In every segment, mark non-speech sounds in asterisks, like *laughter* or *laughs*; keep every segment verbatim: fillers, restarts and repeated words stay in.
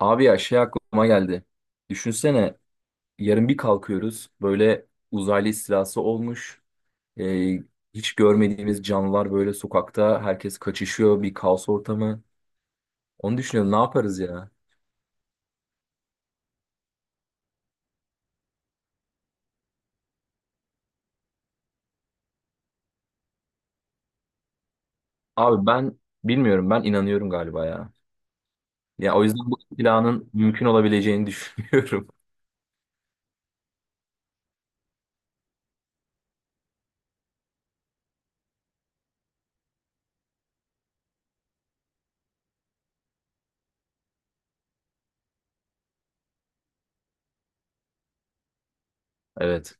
Abi ya şey aklıma geldi. Düşünsene yarın bir kalkıyoruz böyle uzaylı istilası olmuş. Ee, Hiç görmediğimiz canlılar böyle sokakta herkes kaçışıyor bir kaos ortamı. Onu düşünüyorum ne yaparız ya? Abi ben bilmiyorum, ben inanıyorum galiba ya. Ya o yüzden bu istilanın mümkün olabileceğini *laughs* düşünüyorum. Evet.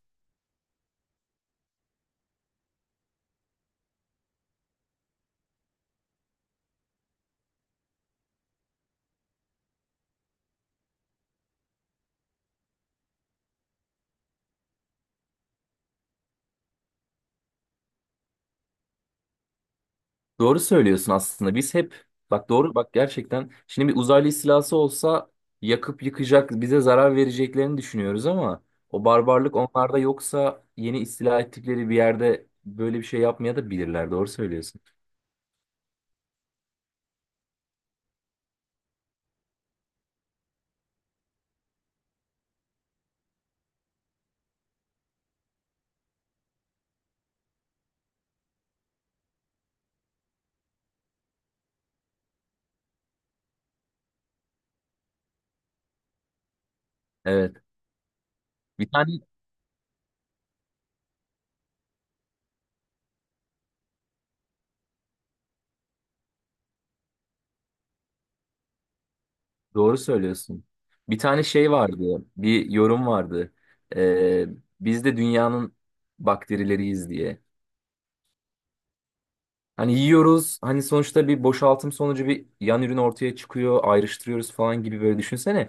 Doğru söylüyorsun aslında. Biz hep bak doğru bak, gerçekten şimdi bir uzaylı istilası olsa yakıp yıkacak, bize zarar vereceklerini düşünüyoruz ama o barbarlık onlarda yoksa yeni istila ettikleri bir yerde böyle bir şey yapmaya da bilirler. Doğru söylüyorsun. Evet. Bir tane doğru söylüyorsun. Bir tane şey vardı. Bir yorum vardı. Ee, Biz de dünyanın bakterileriyiz diye. Hani yiyoruz. Hani sonuçta bir boşaltım sonucu bir yan ürün ortaya çıkıyor. Ayrıştırıyoruz falan gibi böyle düşünsene.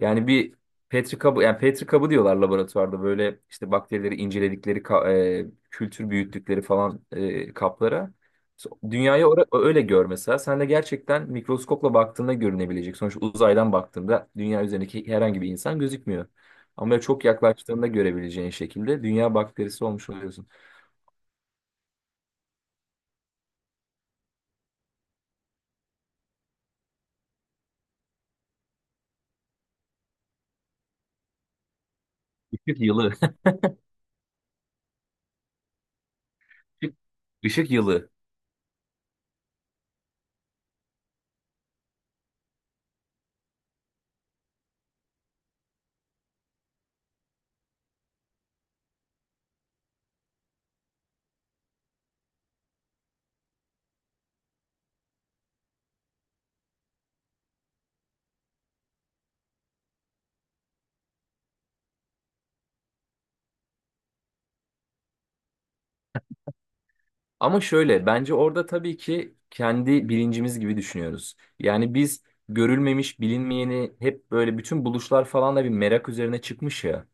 Yani bir Petri kabı, yani Petri kabı diyorlar laboratuvarda böyle işte bakterileri inceledikleri ka- e, kültür büyüttükleri falan e, kaplara. So- Dünyayı ora- öyle gör mesela. Sen de gerçekten mikroskopla baktığında görünebilecek. Sonuçta uzaydan baktığında dünya üzerindeki herhangi bir insan gözükmüyor. Ama çok yaklaştığında görebileceğin şekilde dünya bakterisi olmuş oluyorsun. Işık yılı. *laughs* Işık yılı. Ama şöyle bence orada tabii ki kendi bilincimiz gibi düşünüyoruz. Yani biz görülmemiş, bilinmeyeni hep böyle bütün buluşlar falan da bir merak üzerine çıkmış ya.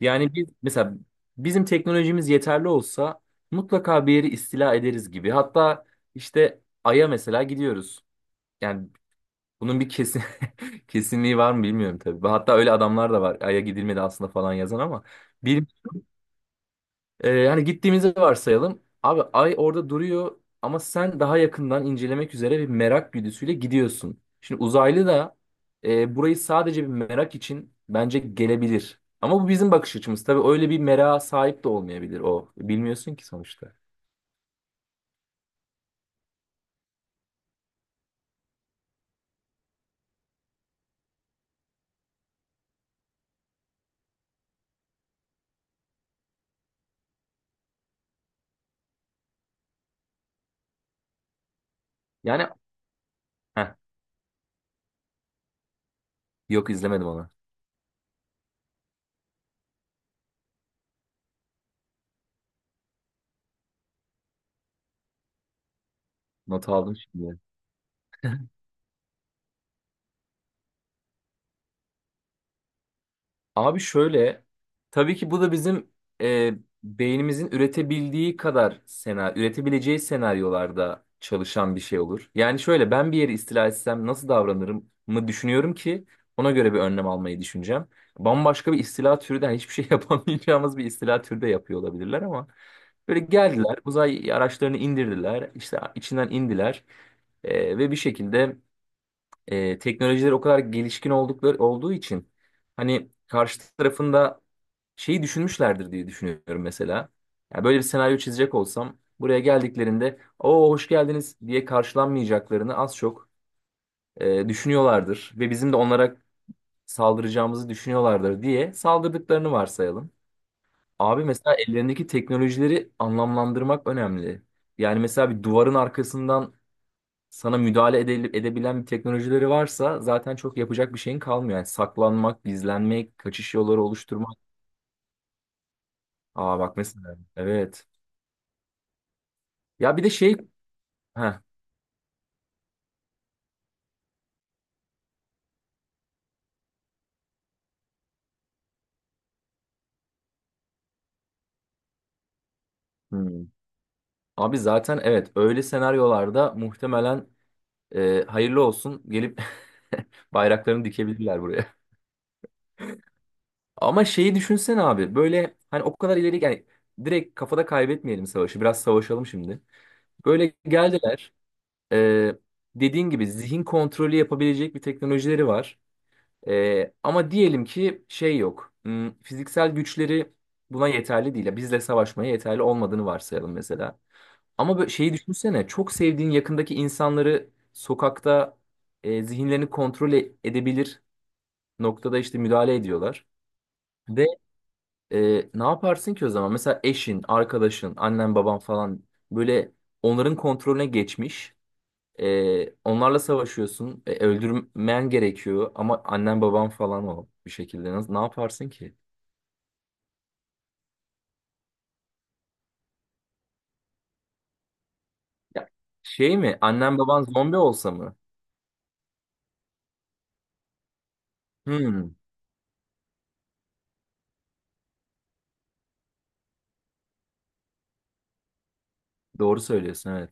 Yani biz mesela bizim teknolojimiz yeterli olsa mutlaka bir yeri istila ederiz gibi. Hatta işte Ay'a mesela gidiyoruz. Yani bunun bir kesin *laughs* kesinliği var mı bilmiyorum tabii. Hatta öyle adamlar da var. Ay'a gidilmedi aslında falan yazan ama bir. Ee, hani gittiğimizi varsayalım. Abi ay orada duruyor ama sen daha yakından incelemek üzere bir merak güdüsüyle gidiyorsun. Şimdi uzaylı da e, burayı sadece bir merak için bence gelebilir. Ama bu bizim bakış açımız. Tabii öyle bir merak sahip de olmayabilir o. Bilmiyorsun ki sonuçta. Yani heh, yok izlemedim onu. Not aldım şimdi. Abi şöyle, tabii ki bu da bizim e, beynimizin üretebildiği kadar senaryo, üretebileceği senaryolarda çalışan bir şey olur. Yani şöyle ben bir yeri istila etsem nasıl davranırım mı düşünüyorum ki ona göre bir önlem almayı düşüneceğim. Bambaşka bir istila türüden, yani hiçbir şey *laughs* yapamayacağımız bir istila türü de yapıyor olabilirler ama böyle geldiler, uzay araçlarını indirdiler, işte içinden indiler e, ve bir şekilde e, teknolojileri o kadar gelişkin oldukları olduğu için hani karşı tarafında şeyi düşünmüşlerdir diye düşünüyorum mesela. Yani böyle bir senaryo çizecek olsam buraya geldiklerinde o hoş geldiniz diye karşılanmayacaklarını az çok e, düşünüyorlardır ve bizim de onlara saldıracağımızı düşünüyorlardır diye saldırdıklarını varsayalım. Abi mesela ellerindeki teknolojileri anlamlandırmak önemli. Yani mesela bir duvarın arkasından sana müdahale edel- edebilen bir teknolojileri varsa zaten çok yapacak bir şeyin kalmıyor. Yani saklanmak, gizlenmek, kaçış yolları oluşturmak. Aa bak mesela evet. Ya bir de şey heh, hmm. Abi zaten evet, öyle senaryolarda muhtemelen e, hayırlı olsun gelip *laughs* bayraklarını dikebilirler buraya. Ama şeyi düşünsene abi böyle hani o kadar ileri, yani direkt kafada kaybetmeyelim savaşı, biraz savaşalım şimdi. Böyle geldiler, e, dediğin gibi zihin kontrolü yapabilecek bir teknolojileri var. Ee, ama diyelim ki şey yok. Hmm, Fiziksel güçleri buna yeterli değil. Ya bizle savaşmaya yeterli olmadığını varsayalım mesela. Ama böyle şeyi düşünsene. Çok sevdiğin yakındaki insanları sokakta e, zihinlerini kontrol e- edebilir noktada işte müdahale ediyorlar. Ve e, ne yaparsın ki o zaman? Mesela eşin, arkadaşın, annen, baban falan böyle onların kontrolüne geçmiş. Ee, onlarla savaşıyorsun. E, öldürmen gerekiyor ama annen baban falan o bir şekilde. Nasıl, ne yaparsın ki? Ya, şey mi? Annen baban zombi olsa mı? Hmm, doğru söylüyorsun, evet.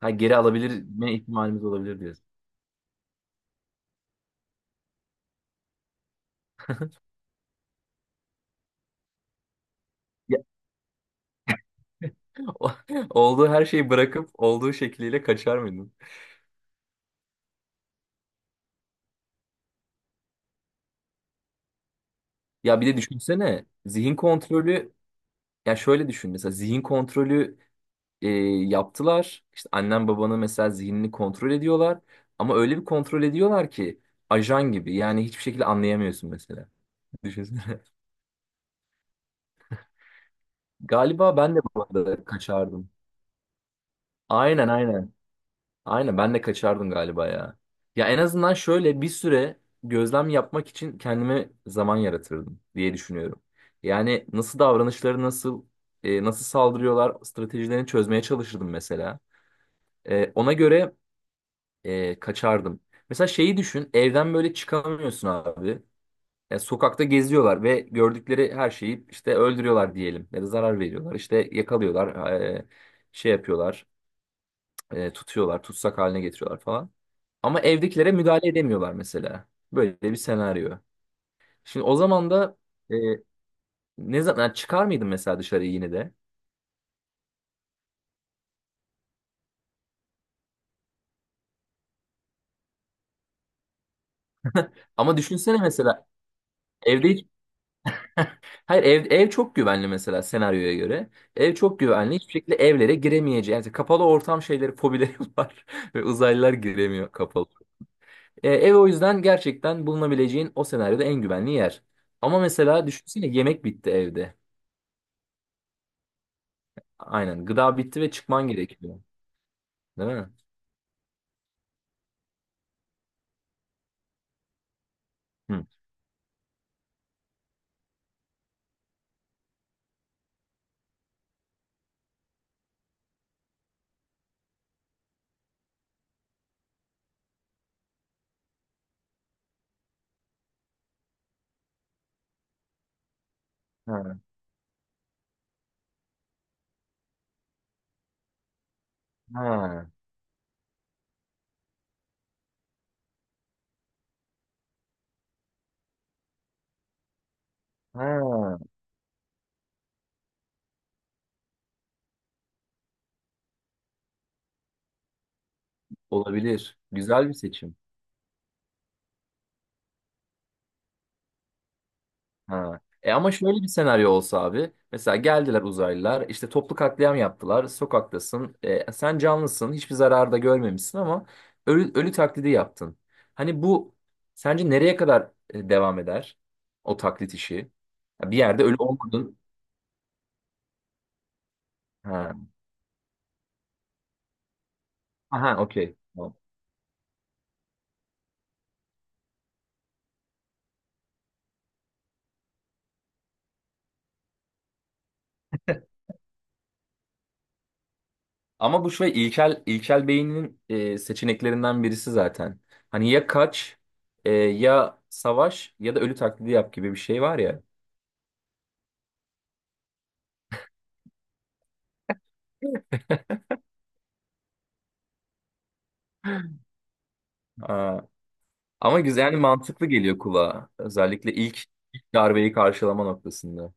Ha, geri alabilir mi ihtimalimiz olabilir diyorsun. Ya, *laughs* o- olduğu her şeyi bırakıp olduğu şekliyle kaçar mıydın? Ya bir de düşünsene zihin kontrolü, ya şöyle düşün mesela zihin kontrolü e, yaptılar. İşte annen babanın mesela zihnini kontrol ediyorlar. Ama öyle bir kontrol ediyorlar ki ajan gibi. Yani hiçbir şekilde anlayamıyorsun mesela. Düşünsene. *laughs* Galiba ben de bu arada kaçardım. Aynen aynen. Aynen ben de kaçardım galiba ya. Ya en azından şöyle bir süre gözlem yapmak için kendime zaman yaratırdım diye düşünüyorum. Yani nasıl davranışları nasıl e, nasıl saldırıyorlar stratejilerini çözmeye çalışırdım mesela. E, ona göre e, kaçardım. Mesela şeyi düşün, evden böyle çıkamıyorsun abi. Ya sokakta geziyorlar ve gördükleri her şeyi işte öldürüyorlar diyelim ya da zarar veriyorlar. İşte yakalıyorlar, e, şey yapıyorlar, e, tutuyorlar, tutsak haline getiriyorlar falan. Ama evdekilere müdahale edemiyorlar mesela. Böyle bir senaryo. Şimdi o zaman da e, ne zaman, yani çıkar mıydın mesela dışarı yine de? Ama düşünsene mesela evde hiç, hayır ev, ev çok güvenli mesela senaryoya göre. Ev çok güvenli. Hiçbir şekilde evlere giremeyeceği. Yani kapalı ortam şeyleri, fobileri *laughs* var. Ve uzaylılar giremiyor kapalı. E, ev o yüzden gerçekten bulunabileceğin o senaryoda en güvenli yer. Ama mesela düşünsene yemek bitti evde. Aynen. Gıda bitti ve çıkman gerekiyor. Değil mi? Hı. Ha, ha, ha. Olabilir. Güzel bir seçim. Ha. E ama şöyle bir senaryo olsa abi. Mesela geldiler uzaylılar işte toplu katliam yaptılar. Sokaktasın. E, sen canlısın. Hiçbir zarar da görmemişsin ama ölü, ölü taklidi yaptın. Hani bu sence nereye kadar e, devam eder? O taklit işi. Ya bir yerde ölü olmadın. Ha. Aha okey. Tamam. Ama bu şey ilkel ilkel beyninin e, seçeneklerinden birisi zaten. Hani ya kaç e, ya savaş ya da ölü taklidi yap gibi bir şey var ya. Ama güzel, yani mantıklı geliyor kulağa. Özellikle ilk, ilk darbeyi karşılama noktasında.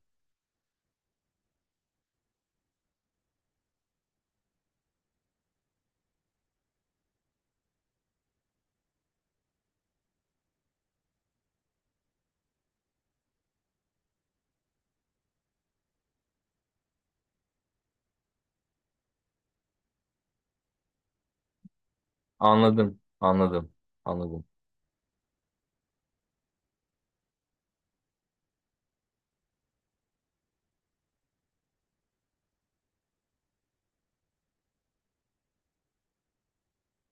Anladım, anladım, anladım.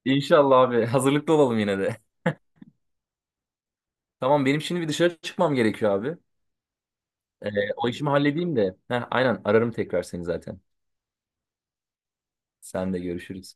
İnşallah abi. *laughs* Hazırlıklı olalım yine de. Tamam benim şimdi bir dışarı çıkmam gerekiyor abi. Ee, o işimi halledeyim de. Heh, aynen ararım tekrar seni zaten. Sen de görüşürüz.